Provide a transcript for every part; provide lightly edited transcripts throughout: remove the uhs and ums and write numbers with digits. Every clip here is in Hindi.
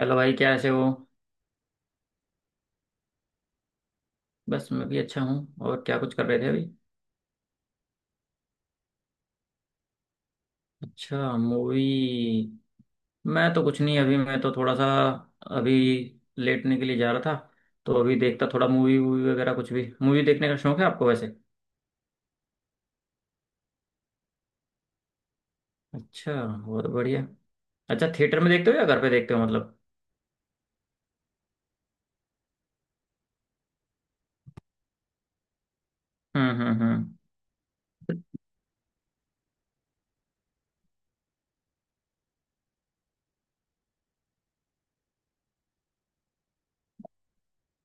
हेलो भाई, क्या ऐसे हो। बस, मैं भी अच्छा हूँ। और क्या कुछ कर रहे थे अभी। अच्छा, मूवी। मैं तो कुछ नहीं, अभी मैं तो थोड़ा सा अभी लेटने के लिए जा रहा था। तो अभी देखता थोड़ा मूवी वूवी वगैरह कुछ भी। मूवी देखने का शौक है आपको वैसे? अच्छा, बहुत बढ़िया। अच्छा, थिएटर में देखते हो या घर पे देखते हो मतलब? हम्म।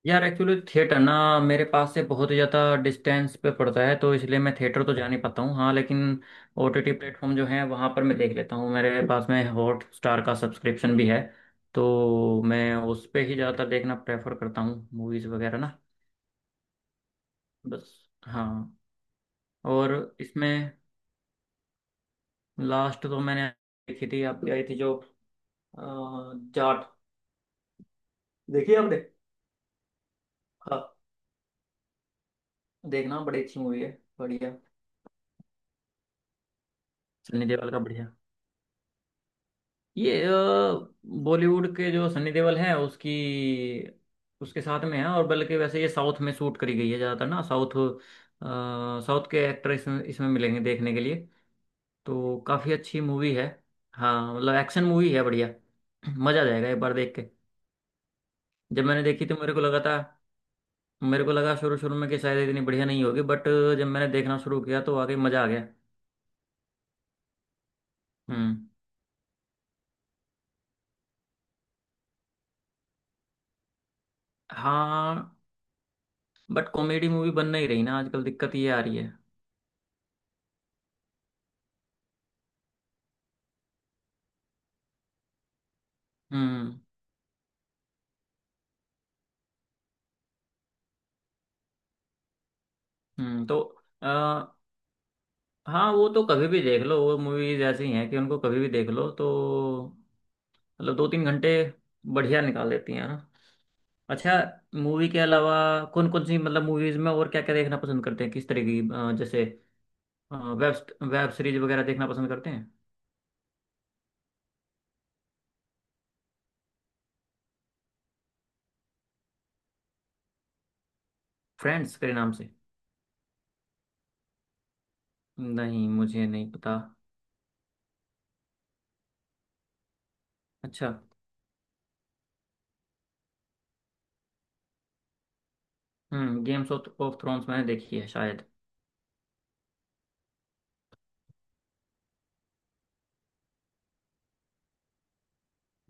यार, एक्चुअली थिएटर ना, मेरे पास से बहुत ही ज़्यादा डिस्टेंस पे पड़ता है, तो इसलिए मैं थिएटर तो जा नहीं पाता हूँ, हाँ, लेकिन ओटीटी प्लेटफॉर्म जो है वहाँ पर मैं देख लेता हूँ। मेरे पास में हॉट स्टार का सब्सक्रिप्शन भी है। तो मैं उस पे ही ज़्यादातर देखना प्रेफर करता हूँ मूवीज़ वगैरह ना। बस। हाँ। और इसमें लास्ट तो मैंने देखी थी, आपकी आई थी जो अ, जाट। देखी आपने? हाँ। देखना, बड़ी अच्छी मूवी है। बढ़िया। सन्नी देओल का, बढ़िया। ये बॉलीवुड के जो सनी देओल हैं उसकी उसके साथ में है। और बल्कि वैसे ये साउथ में शूट करी गई है ज़्यादातर ना। साउथ साउथ के एक्टर इसमें इसमें मिलेंगे देखने के लिए। तो काफ़ी अच्छी मूवी है। हाँ, मतलब एक्शन मूवी है, बढ़िया। मज़ा आ जाएगा एक बार देख के। जब मैंने देखी तो मेरे को लगा था, मेरे को लगा शुरू शुरू में कि शायद इतनी बढ़िया नहीं होगी, बट जब मैंने देखना शुरू किया तो आगे मज़ा आ गया। हम्म। हाँ। बट कॉमेडी मूवी बन नहीं रही ना आजकल, दिक्कत ये आ रही है। हम्म हम्म। तो आ, हाँ, वो तो कभी भी देख लो, वो मूवीज ऐसी हैं कि उनको कभी भी देख लो तो, मतलब दो तीन घंटे बढ़िया निकाल देती हैं ना। अच्छा। मूवी के अलावा कौन कौन सी, मतलब मूवीज में और क्या क्या देखना पसंद करते हैं, किस तरह की, जैसे वेब वेब सीरीज वगैरह देखना पसंद करते हैं? फ्रेंड्स के नाम से? नहीं, मुझे नहीं पता। अच्छा। हम्म, गेम्स ऑफ ऑफ थ्रोन्स मैंने देखी है शायद।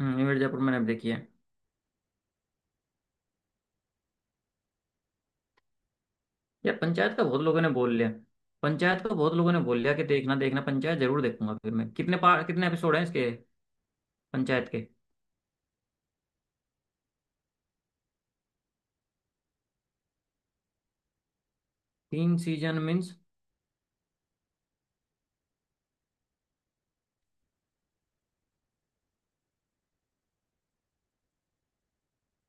हम्म, रणवीर जयपुर मैंने भी देखी है। यार, पंचायत का बहुत लोगों ने बोल लिया। पंचायत का बहुत लोगों ने बोल लिया कि देखना देखना, पंचायत जरूर देखूंगा। फिर मैं कितने एपिसोड हैं इसके? पंचायत के। तीन सीजन मीन्स?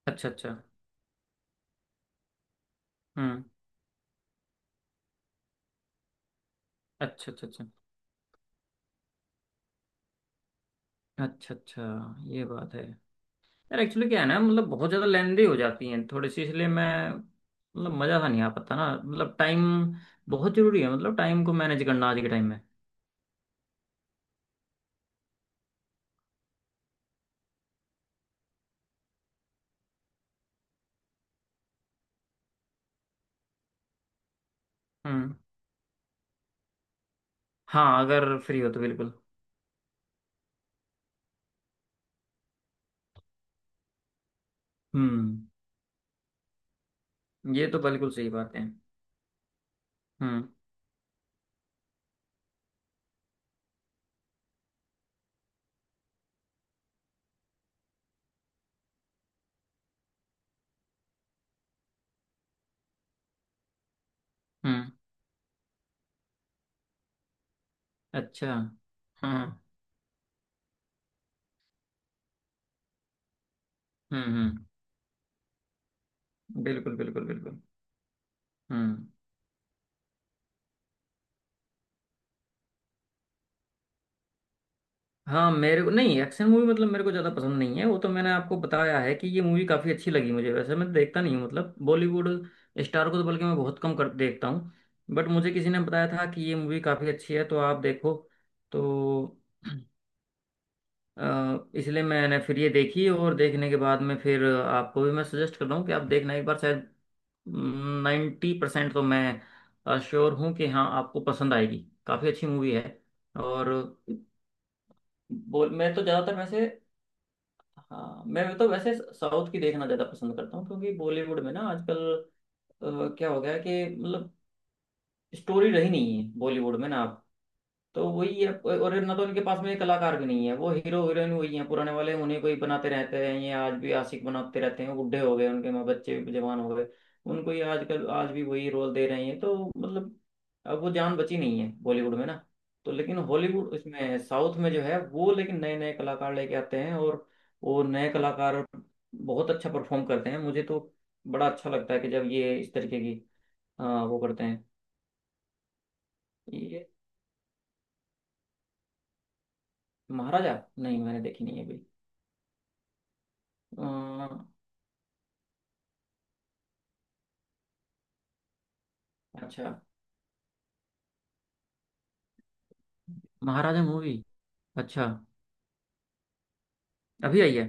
अच्छा, अच्छा। हम्म। अच्छा, अच्छा, अच्छा। अच्छा, अच्छा। ये बात है। यार, एक्चुअली क्या है ना, मतलब बहुत ज़्यादा लेंदी हो जाती हैं थोड़ी सी, इसलिए मैं मतलब मज़ा सा नहीं आ पाता ना। मतलब टाइम बहुत ज़रूरी है, मतलब टाइम को मैनेज करना आज के टाइम में। हम्म। हाँ, अगर फ्री हो तो बिल्कुल। हम्म। ये तो बिल्कुल सही बात है। हम्म हम्म। अच्छा। हाँ। हम्म। बिल्कुल, बिल्कुल, बिल्कुल। हम्म। हाँ, मेरे को नहीं, एक्शन मूवी मतलब मेरे को ज़्यादा पसंद नहीं है। वो तो मैंने आपको बताया है कि ये मूवी काफ़ी अच्छी लगी मुझे, वैसे मैं तो देखता नहीं हूँ मतलब बॉलीवुड स्टार को तो, बल्कि मैं बहुत कम कर देखता हूँ। बट मुझे किसी ने बताया था कि ये मूवी काफ़ी अच्छी है, तो आप देखो। तो इसलिए मैंने फिर ये देखी, और देखने के बाद में फिर आपको भी मैं सजेस्ट कर रहा हूँ कि आप देखना एक बार शायद। 90% तो मैं श्योर हूँ कि हाँ, आपको पसंद आएगी। काफ़ी अच्छी मूवी है। और बोल, मैं तो ज़्यादातर वैसे। हाँ, मैं तो वैसे साउथ की देखना ज़्यादा पसंद करता हूँ क्योंकि बॉलीवुड में ना आजकल क्या हो गया है कि मतलब स्टोरी रही नहीं है बॉलीवुड में ना। तो वही है, और ना तो उनके पास में कलाकार भी नहीं है। वो हीरो हीरोइन वही है, पुराने वाले, उन्हें कोई बनाते रहते हैं, ये आज भी आशिक बनाते रहते हैं, बुढ़े हो गए, उनके माँ बच्चे भी जवान हो गए। उनको ये आजकल आज भी वही रोल दे रहे हैं तो मतलब। अब वो जान बची नहीं है बॉलीवुड में ना, तो लेकिन हॉलीवुड इसमें साउथ में जो है वो, लेकिन नए नए कलाकार लेके आते हैं, और वो नए कलाकार बहुत अच्छा परफॉर्म करते हैं, मुझे तो बड़ा अच्छा लगता है कि जब ये इस तरीके की वो करते हैं। ये महाराजा? नहीं, मैंने देखी नहीं है। अभी। अच्छा। महाराजा मूवी। अच्छा। अभी आई है?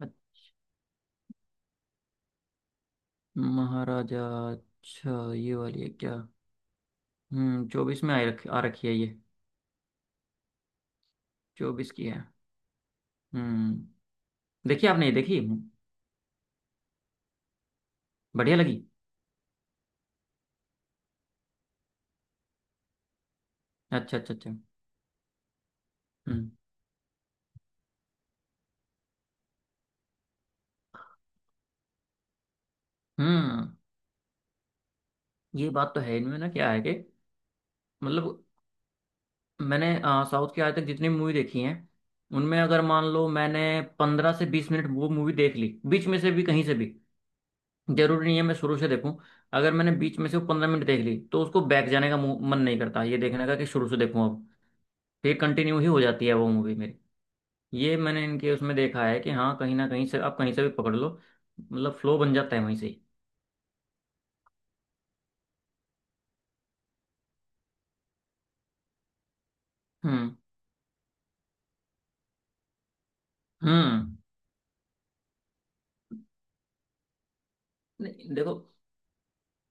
अ- महाराजा, अच्छा, ये वाली है क्या? हम्म, चौबीस में आ रखी है ये। चौबीस की है। हम्म। देखी आपने, ये देखी? बढ़िया लगी? अच्छा, अच्छा, अच्छा। हम्म हम्म। ये बात तो है इनमें ना, क्या है कि मतलब मैंने साउथ की आज तक जितनी मूवी देखी हैं, उनमें अगर मान लो मैंने पंद्रह से बीस मिनट वो मूवी देख ली बीच में से भी, कहीं से भी। जरूरी नहीं है मैं शुरू से देखूं। अगर मैंने बीच में से वो 15 मिनट देख ली तो उसको बैक जाने का मन नहीं करता, ये देखने का कि शुरू से देखूं अब। तो ये कंटिन्यू ही हो जाती है वो मूवी मेरी। ये मैंने इनके उसमें देखा है कि हाँ, कहीं ना कहीं से, आप कहीं से भी पकड़ लो, मतलब फ्लो बन जाता है वहीं से ही। हम्म हम्म। नहीं, देखो,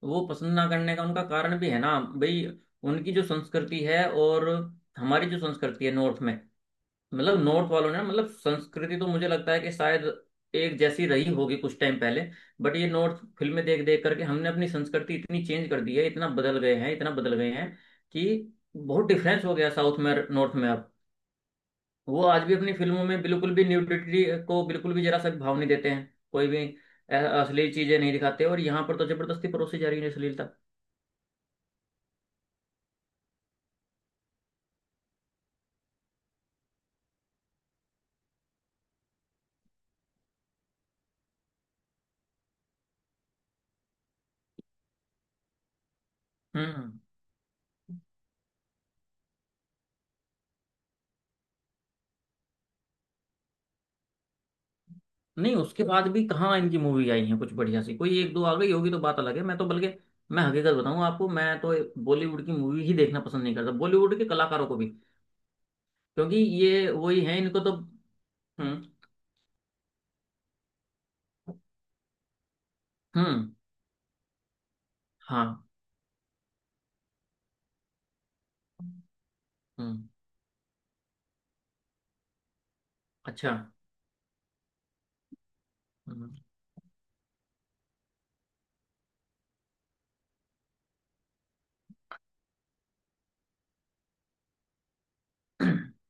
वो पसंद ना करने का उनका कारण भी है ना भाई। उनकी जो संस्कृति है, और हमारी जो संस्कृति है नॉर्थ में, मतलब नॉर्थ वालों ने मतलब संस्कृति, तो मुझे लगता है कि शायद एक जैसी रही होगी कुछ टाइम पहले। बट ये नॉर्थ फिल्में देख देख करके हमने अपनी संस्कृति इतनी चेंज कर दी है, इतना बदल गए हैं, इतना बदल गए हैं कि बहुत डिफरेंस हो गया साउथ में नॉर्थ में अब। वो आज भी अपनी फिल्मों में बिल्कुल भी न्यूडिटी को बिल्कुल भी जरा सा भी भाव नहीं देते हैं कोई भी अ- असली चीजें नहीं दिखाते, और यहाँ पर तो जबरदस्ती परोसी जा रही है अश्लीलता। हम्म। नहीं, उसके बाद भी कहाँ इनकी मूवी आई है कुछ बढ़िया सी? कोई एक दो आ गई होगी तो बात अलग है, मैं तो बल्कि मैं हकीकत बताऊं आपको, मैं तो बॉलीवुड की मूवी ही देखना पसंद नहीं करता, बॉलीवुड के कलाकारों को भी, क्योंकि ये वही है इनको तो। हम्म हम्म। हाँ। हम्म। अच्छा। हम्म।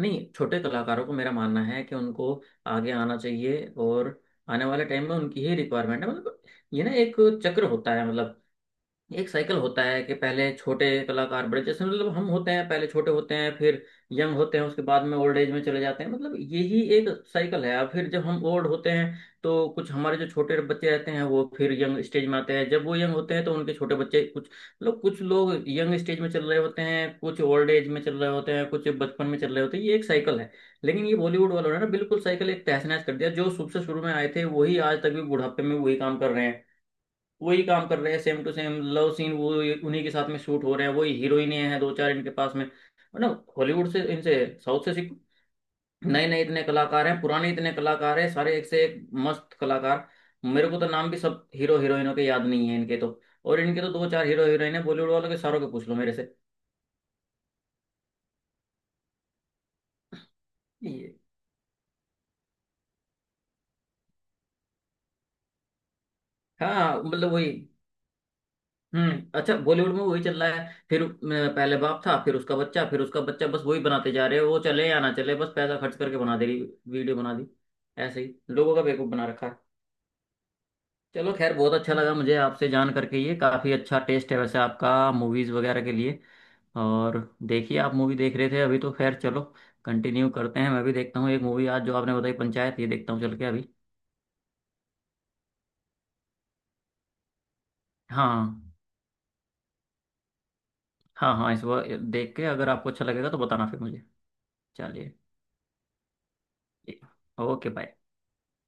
नहीं, छोटे कलाकारों को मेरा मानना है कि उनको आगे आना चाहिए, और आने वाले टाइम में उनकी ही रिक्वायरमेंट है मतलब। ये ना एक चक्र होता है, मतलब एक साइकिल होता है कि पहले छोटे कलाकार बड़े, जैसे मतलब हम होते हैं, पहले छोटे होते हैं फिर यंग होते हैं, उसके बाद में ओल्ड एज में चले जाते हैं, मतलब यही एक साइकिल है। अब फिर जब हम ओल्ड होते हैं तो कुछ हमारे जो छोटे बच्चे रहते हैं वो फिर यंग स्टेज में आते हैं, जब वो यंग होते हैं तो उनके छोटे बच्चे कुछ, मतलब कुछ लोग यंग स्टेज में चल रहे होते हैं, कुछ ओल्ड एज में चल रहे होते हैं, कुछ बचपन में चल रहे होते हैं, ये एक साइकिल है। लेकिन ये बॉलीवुड वालों ने ना बिल्कुल साइकिल एक तहस नहस कर दिया, जो शुरू से शुरू में आए थे वही आज तक भी बुढ़ापे में वही काम कर रहे हैं, वही काम कर रहे हैं same to same love scene, वो उन्हीं के साथ में शूट हो रहे हैं, वही हीरोइनें हैं दो चार इनके पास में, मतलब हॉलीवुड से इनसे, साउथ से सीख। नए नए इतने कलाकार हैं, पुराने इतने कलाकार हैं, सारे एक से एक मस्त कलाकार। मेरे को तो नाम भी सब हीरो हीरोइनों के याद नहीं है इनके तो। और इनके तो दो चार हीरो हीरोइन है बॉलीवुड वालों के, सारों के पूछ लो मेरे से। ये। हाँ, मतलब वही। हम्म, अच्छा, बॉलीवुड में वही चल रहा है फिर पहले बाप था, फिर उसका बच्चा, फिर उसका बच्चा, बस वही बनाते जा रहे हैं, वो चले या ना चले, बस पैसा खर्च करके बना दे रही। वीडियो बना दी। ऐसे ही लोगों का बेवकूफ बना रखा है। चलो खैर, बहुत अच्छा लगा मुझे आपसे जान करके, ये काफी अच्छा टेस्ट है वैसे आपका मूवीज वगैरह के लिए। और देखिए, आप मूवी देख रहे थे अभी तो खैर चलो, कंटिन्यू करते हैं, मैं भी देखता हूँ एक मूवी आज, जो आपने बताई पंचायत ये देखता हूँ चल के अभी। हाँ। हाँ हाँ, इस बार देख के अगर आपको अच्छा लगेगा तो बताना फिर मुझे। चलिए। Okay, bye.